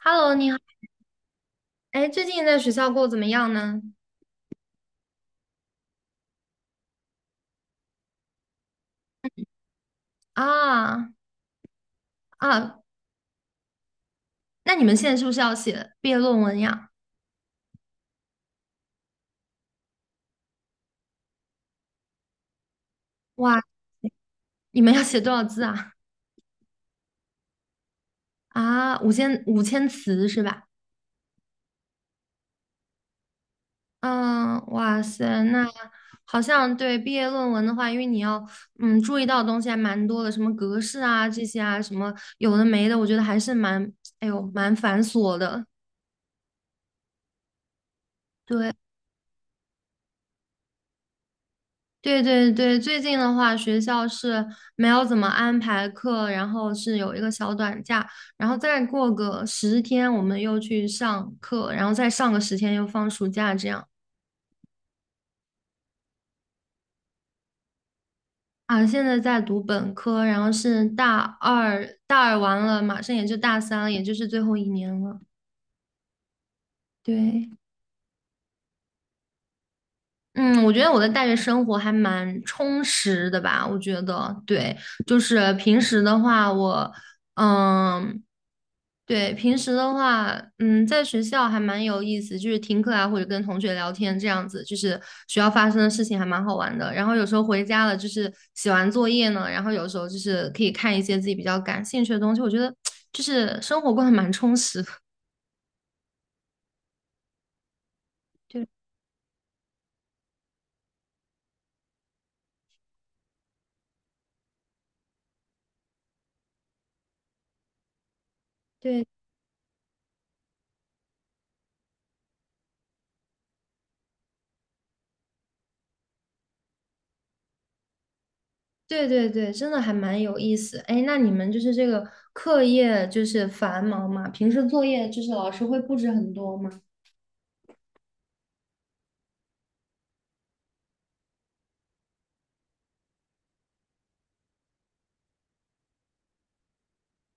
Hello，你好，哎，最近在学校过得怎么样呢？啊啊，那你们现在是不是要写毕业论文呀？哇，你们要写多少字啊？啊，五千五千词是吧？嗯，哇塞，那好像对毕业论文的话，因为你要注意到的东西还蛮多的，什么格式啊这些啊，什么有的没的，我觉得还是蛮哎呦蛮繁琐的。对，对对对，最近的话，学校是没有怎么安排课，然后是有一个小短假，然后再过个十天，我们又去上课，然后再上个十天又放暑假，这样啊。现在在读本科，然后是大二，大二完了，马上也就大三了，也就是最后一年了。对，嗯，我觉得我的大学生活还蛮充实的吧，我觉得，对，就是平时的话，嗯，对，平时的话，在学校还蛮有意思，就是听课啊，或者跟同学聊天这样子，就是学校发生的事情还蛮好玩的。然后有时候回家了，就是写完作业呢，然后有时候就是可以看一些自己比较感兴趣的东西，我觉得 就是生活过得蛮充实的。对 对对对对，真的还蛮有意思。哎，那你们就是这个课业就是繁忙嘛，平时作业就是老师会布置很多吗？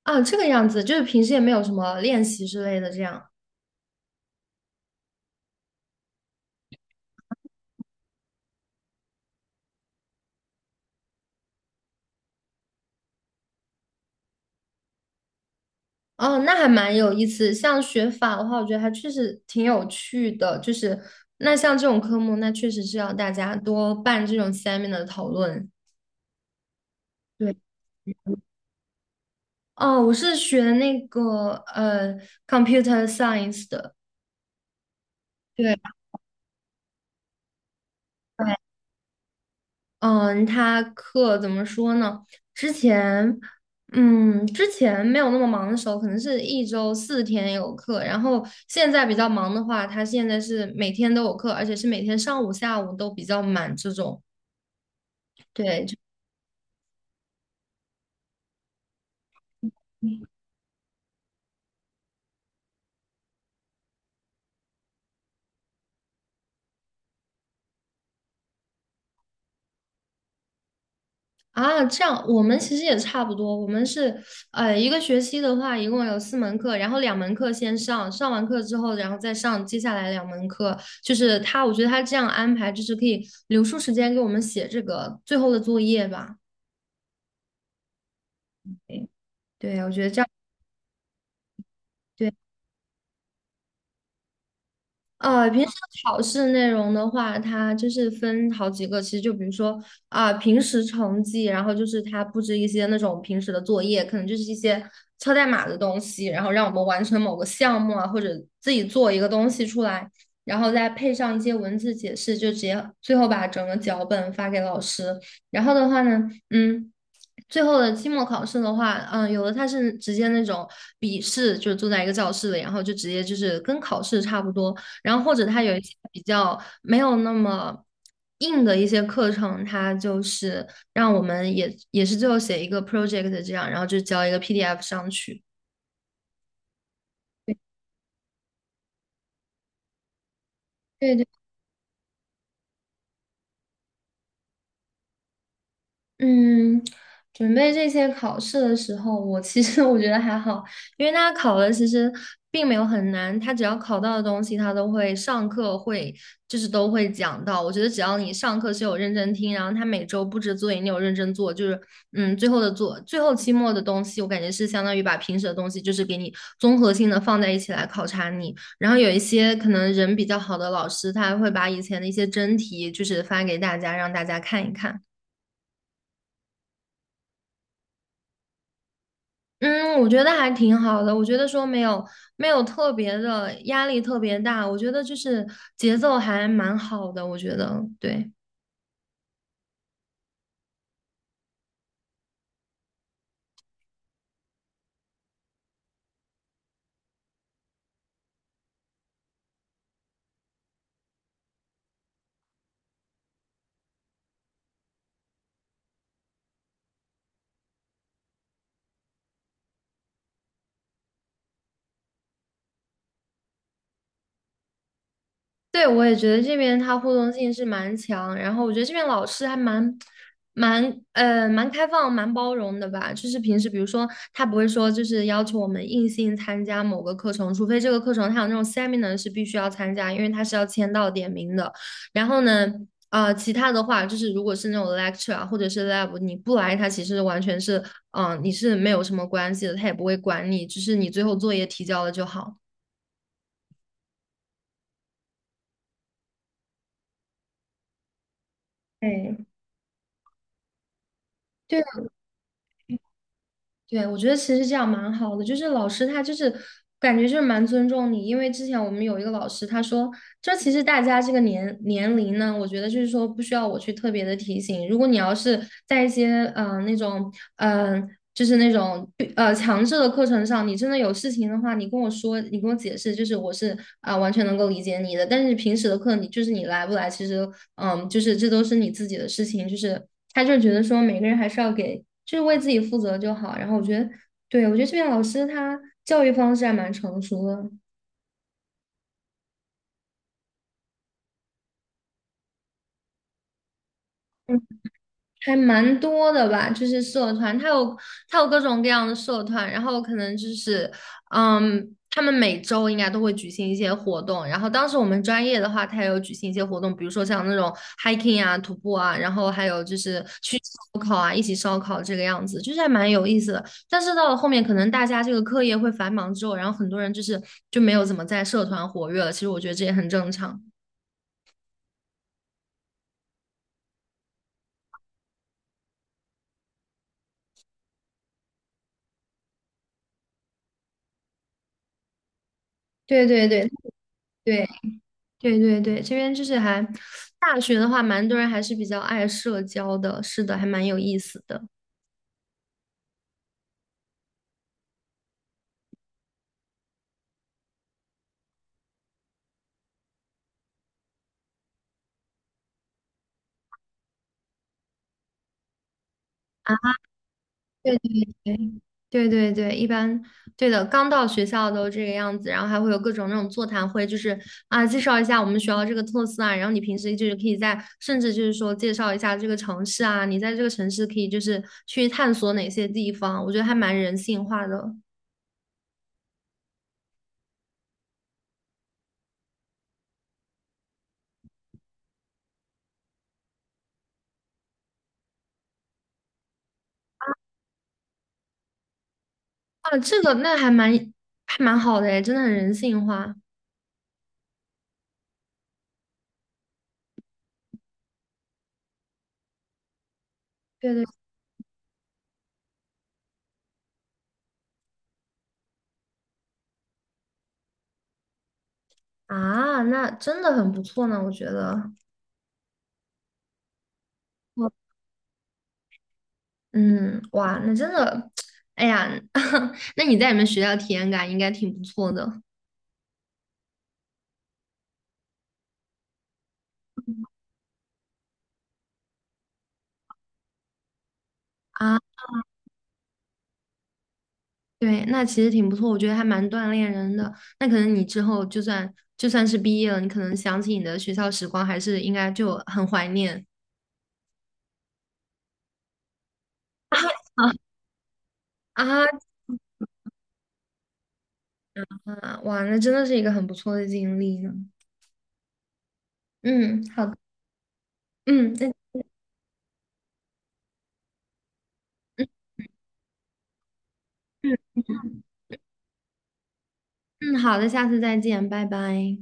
啊，这个样子，就是平时也没有什么练习之类的这样。哦，那还蛮有意思。像学法的话，我觉得还确实挺有趣的。就是那像这种科目，那确实是要大家多办这种 seminar 的讨论。对，哦，我是学那个computer science 的。对。嗯，他课怎么说呢？之前，之前没有那么忙的时候，可能是一周4天有课，然后现在比较忙的话，他现在是每天都有课，而且是每天上午、下午都比较满这种。对，啊，这样我们其实也差不多。我们是，一个学期的话，一共有4门课，然后两门课先上，上完课之后，然后再上接下来两门课。就是他，我觉得他这样安排，就是可以留出时间给我们写这个最后的作业吧。对，对，我觉得这样。对。平时考试内容的话，它就是分好几个，其实就比如说啊、平时成绩，然后就是它布置一些那种平时的作业，可能就是一些敲代码的东西，然后让我们完成某个项目啊，或者自己做一个东西出来，然后再配上一些文字解释，就直接最后把整个脚本发给老师。然后的话呢，嗯。最后的期末考试的话，有的它是直接那种笔试，就是坐在一个教室里，然后就直接就是跟考试差不多，然后或者它有一些比较没有那么硬的一些课程，它就是让我们也是最后写一个 project 这样，然后就交一个 PDF 上去。对对嗯，准备这些考试的时候，我其实 我觉得还好，因为他考的其实并没有很难，他只要考到的东西，他都会上课会就是都会讲到。我觉得只要你上课是有认真听，然后他每周布置作业你有认真做，就是最后的做最后期末的东西，我感觉是相当于把平时的东西就是给你综合性的放在一起来考察你。然后有一些可能人比较好的老师，他还会把以前的一些真题就是发给大家，让大家看一看。嗯，我觉得还挺好的。我觉得说没有特别的压力特别大，我觉得就是节奏还蛮好的。我觉得对，对，我也觉得这边它互动性是蛮强，然后我觉得这边老师还蛮开放、蛮包容的吧。就是平时比如说他不会说就是要求我们硬性参加某个课程，除非这个课程它有那种 seminar 是必须要参加，因为它是要签到点名的。然后呢，啊，其他的话就是如果是那种 lecture 啊或者是 lab，你不来，他其实完全是你是没有什么关系的，他也不会管你，就是你最后作业提交了就好。对。对，我觉得其实这样蛮好的，就是老师他就是感觉就是蛮尊重你，因为之前我们有一个老师，他说这其实大家这个年龄呢，我觉得就是说不需要我去特别的提醒，如果你要是在一些那种就是那种强制的课程上，你真的有事情的话，你跟我说，你跟我解释，就是我是啊、完全能够理解你的，但是平时的课你就是你来不来，其实就是这都是你自己的事情，就是。他就是觉得说每个人还是要给，就是为自己负责就好。然后我觉得，对，我觉得这边老师他教育方式还蛮成熟的。还蛮多的吧，就是社团，它有各种各样的社团，然后可能就是，嗯，他们每周应该都会举行一些活动，然后当时我们专业的话，它也有举行一些活动，比如说像那种 hiking 啊、徒步啊，然后还有就是去烧烤啊，一起烧烤这个样子，就是还蛮有意思的。但是到了后面，可能大家这个课业会繁忙之后，然后很多人就是就没有怎么在社团活跃了，其实我觉得这也很正常。对对对对。对对对，这边就是大学的话，蛮多人还是比较爱社交的，是的，还蛮有意思的啊。对对对对对对，一般对的，刚到学校都这个样子，然后还会有各种那种座谈会，就是啊，介绍一下我们学校这个特色啊，然后你平时就是可以在，甚至就是说介绍一下这个城市啊，你在这个城市可以就是去探索哪些地方，我觉得还蛮人性化的啊，这个那还蛮好的诶，真的很人性化。对对。啊，那真的很不错呢，我觉得。我嗯，哇，那真的，哎呀，那你在你们学校体验感应该挺不错的啊。对，那其实挺不错，我觉得还蛮锻炼人的。那可能你之后就算是毕业了，你可能想起你的学校时光，还是应该就很怀念啊，啊啊！哇，那真的是一个很不错的经历呢。嗯，好的嗯，那嗯嗯嗯，好的，下次再见，拜拜。